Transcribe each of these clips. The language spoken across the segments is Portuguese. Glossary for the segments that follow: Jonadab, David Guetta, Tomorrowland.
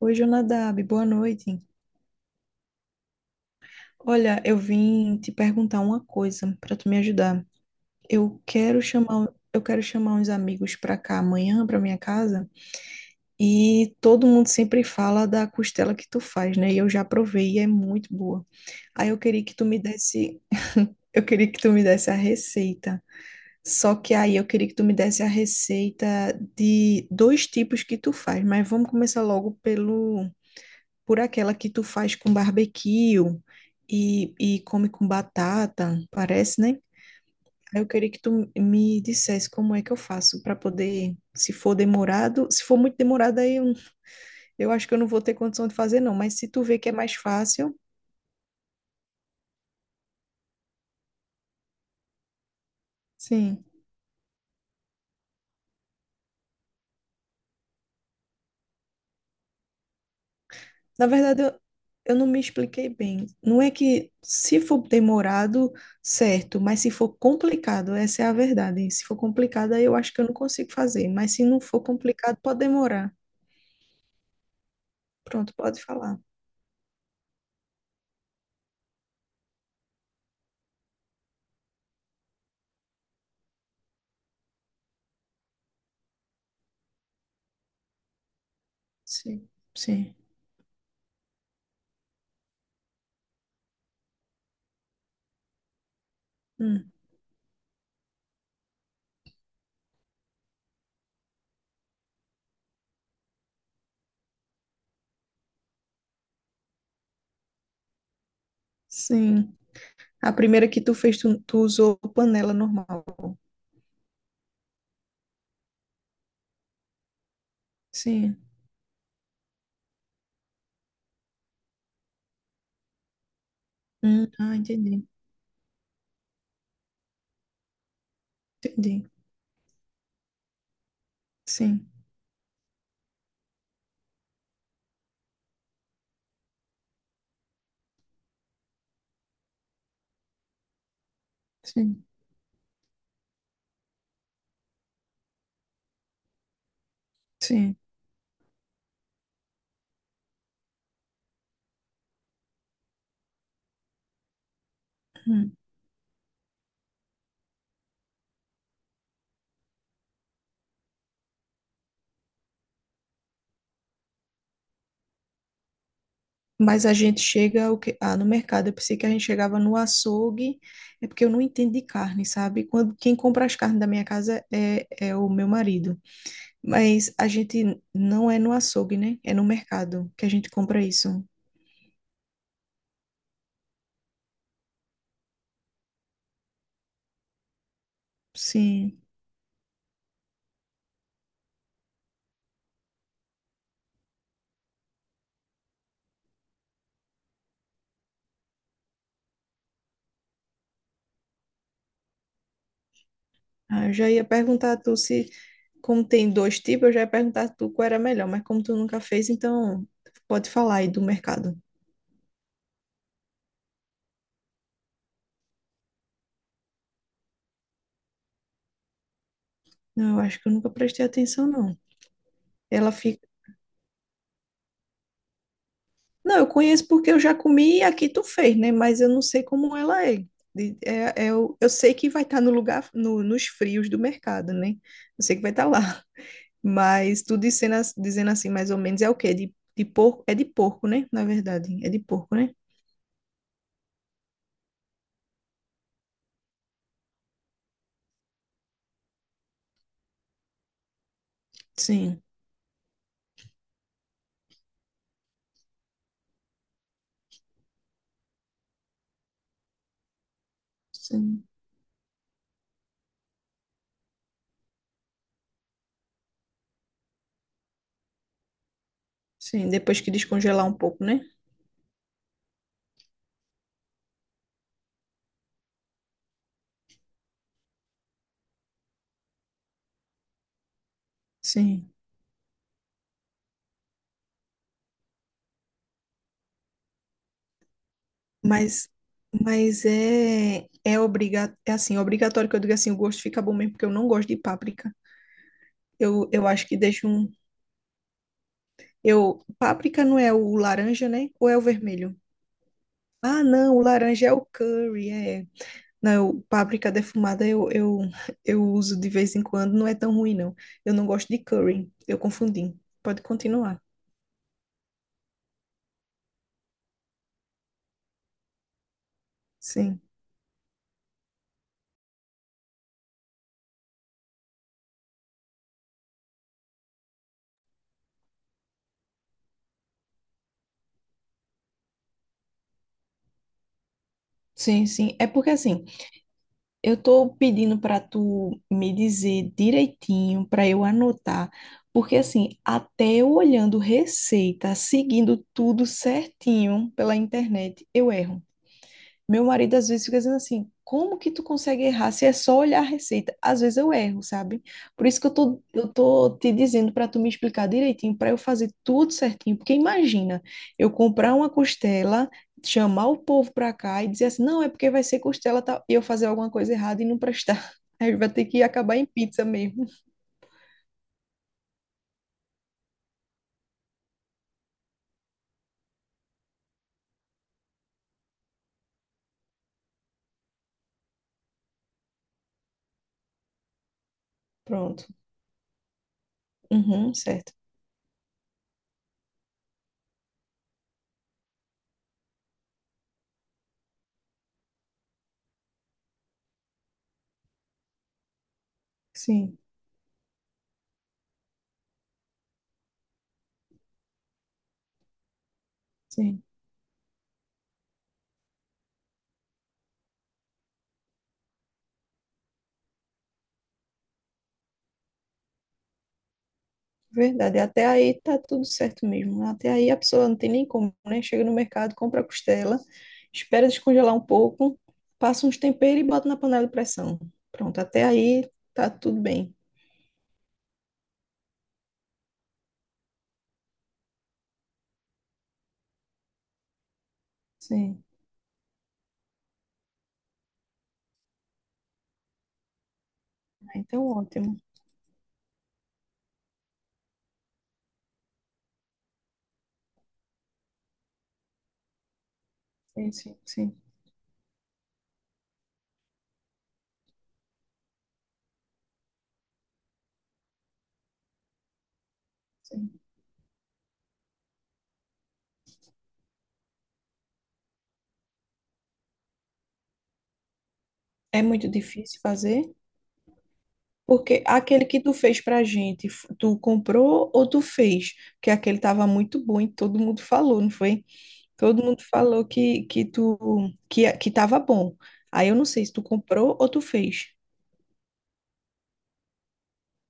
Oi, Jonadab, boa noite. Olha, eu vim te perguntar uma coisa para tu me ajudar. Eu quero chamar, eu quero chamar uns amigos para cá amanhã, para minha casa, e todo mundo sempre fala da costela que tu faz, né? E eu já provei e é muito boa. Aí eu queria que tu me desse, eu queria que tu me desse a receita. Só que aí eu queria que tu me desse a receita de dois tipos que tu faz, mas vamos começar logo pelo por aquela que tu faz com barbecue e come com batata, parece, né? Aí eu queria que tu me dissesse como é que eu faço para poder, se for demorado, se for muito demorado, eu acho que eu não vou ter condição de fazer, não. Mas se tu vê que é mais fácil, sim. Na verdade, eu não me expliquei bem. Não é que se for demorado, certo, mas se for complicado, essa é a verdade. Se for complicado, aí eu acho que eu não consigo fazer. Mas se não for complicado, pode demorar. Pronto, pode falar. Sim, sim. Hum, sim. A primeira que tu fez, tu usou panela normal. Sim. Ah, entendi. Entendi. Sim, sim, sim. Hum. Mas a gente chega o que... ah, no mercado. Eu pensei que a gente chegava no açougue. É porque eu não entendo de carne, sabe? Quando quem compra as carnes da minha casa é o meu marido. Mas a gente não é no açougue, né? É no mercado que a gente compra isso. Sim. Ah, eu já ia perguntar a tu se como tem dois tipos, eu já ia perguntar a tu qual era melhor, mas como tu nunca fez, então pode falar aí do mercado. Não, eu acho que eu nunca prestei atenção, não. Ela fica. Não, eu conheço porque eu já comi e aqui tu fez, né? Mas eu não sei como ela é. De- é, é o- eu sei que vai estar no lugar, no, nos frios do mercado, né? Eu sei que vai estar lá. Mas tu dizendo, as- dizendo assim, mais ou menos, é o quê? De porco? É de porco, né? Na verdade, é de porco, né? Sim, sim, sim. Depois que descongelar um pouco, né? Sim. Mas, mas é, é, obriga, é assim, obrigatório que eu diga assim, o gosto fica bom mesmo, porque eu não gosto de páprica. Eu acho que deixa um. Eu, páprica não é o laranja, né? Ou é o vermelho? Ah, não, o laranja é o curry, é. Não, eu- páprica defumada eu uso de vez em quando, não é tão ruim, não. Eu não gosto de curry, eu confundi. Pode continuar. Sim, sim, sim. É porque assim. Eu tô pedindo para tu me dizer direitinho para eu anotar, porque assim, até eu olhando receita, seguindo tudo certinho pela internet, eu erro. Meu marido às vezes fica dizendo assim: como que tu consegue errar se é só olhar a receita? Às vezes eu erro, sabe? Por isso que eu tô te dizendo para tu me explicar direitinho, para eu fazer tudo certinho. Porque imagina, eu comprar uma costela, chamar o povo para cá e dizer assim: não, é porque vai ser costela tal, e eu fazer alguma coisa errada e não prestar. Aí vai ter que acabar em pizza mesmo. Pronto. Uhum, certo. Sim, sim. Verdade, até aí tá tudo certo mesmo. Até aí a pessoa não tem nem como, né? Chega no mercado, compra a costela, espera descongelar um pouco, passa uns temperos e bota na panela de pressão. Pronto, até aí tá tudo bem. Sim, ah, então é ótimo. Sim, sim, sim, sim. É muito difícil fazer, porque aquele que tu fez pra gente, f- tu comprou ou tu fez? Porque aquele tava muito bom e todo mundo falou, não foi? Todo mundo falou que tu que tava bom. Aí eu não sei se tu comprou ou tu fez,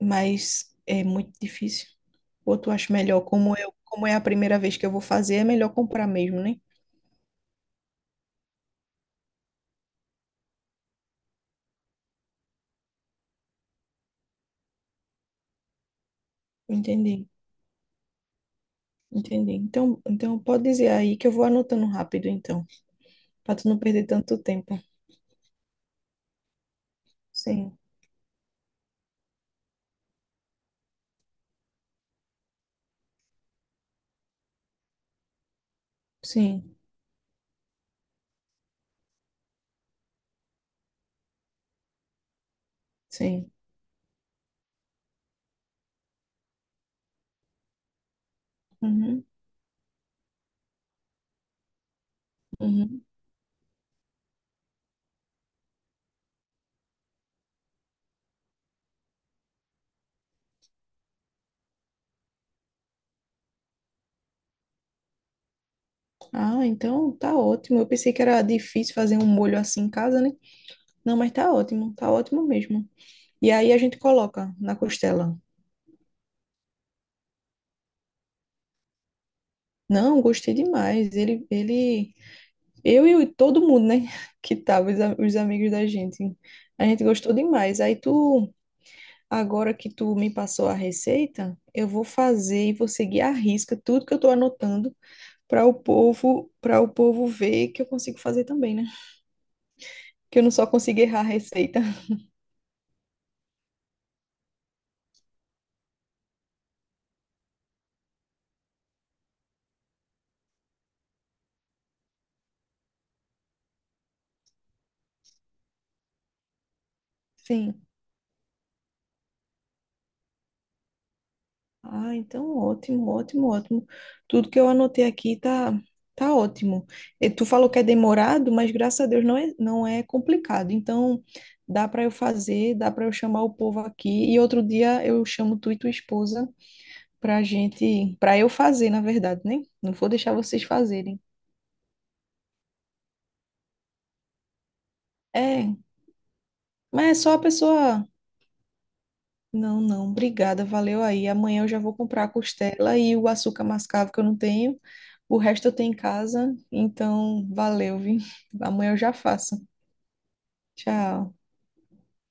mas é muito difícil. Ou tu acha melhor, como eu, como é a primeira vez que eu vou fazer, é melhor comprar mesmo, né? Entendi, entendi. Então pode dizer aí que eu vou anotando rápido, então, para tu não perder tanto tempo. Sim. Sim, sim. Uhum, uhum. Ah, então tá ótimo. Eu pensei que era difícil fazer um molho assim em casa, né? Não, mas tá ótimo mesmo. E aí a gente coloca na costela. Não, gostei demais. Eu e o- todo mundo, né? Que tava, os, a- os amigos da gente. A gente gostou demais. Aí tu, agora que tu me passou a receita, eu vou fazer e vou seguir à risca tudo que eu tô anotando para o povo ver que eu consigo fazer também, né? Que eu não só consigo errar a receita. Sim. Ah, então ótimo, ótimo, ótimo. Tudo que eu anotei aqui tá, tá ótimo. E tu falou que é demorado, mas graças a Deus não é, não é complicado. Então dá para eu fazer, dá para eu chamar o povo aqui e outro dia eu chamo tu e tua esposa pra gente, pra eu fazer, na verdade, né? Não vou deixar vocês fazerem. É, mas é só a pessoa. Não, não, obrigada, valeu aí. Amanhã eu já vou comprar a costela e o açúcar mascavo que eu não tenho. O resto eu tenho em casa, então valeu, viu? Amanhã eu já faço. Tchau.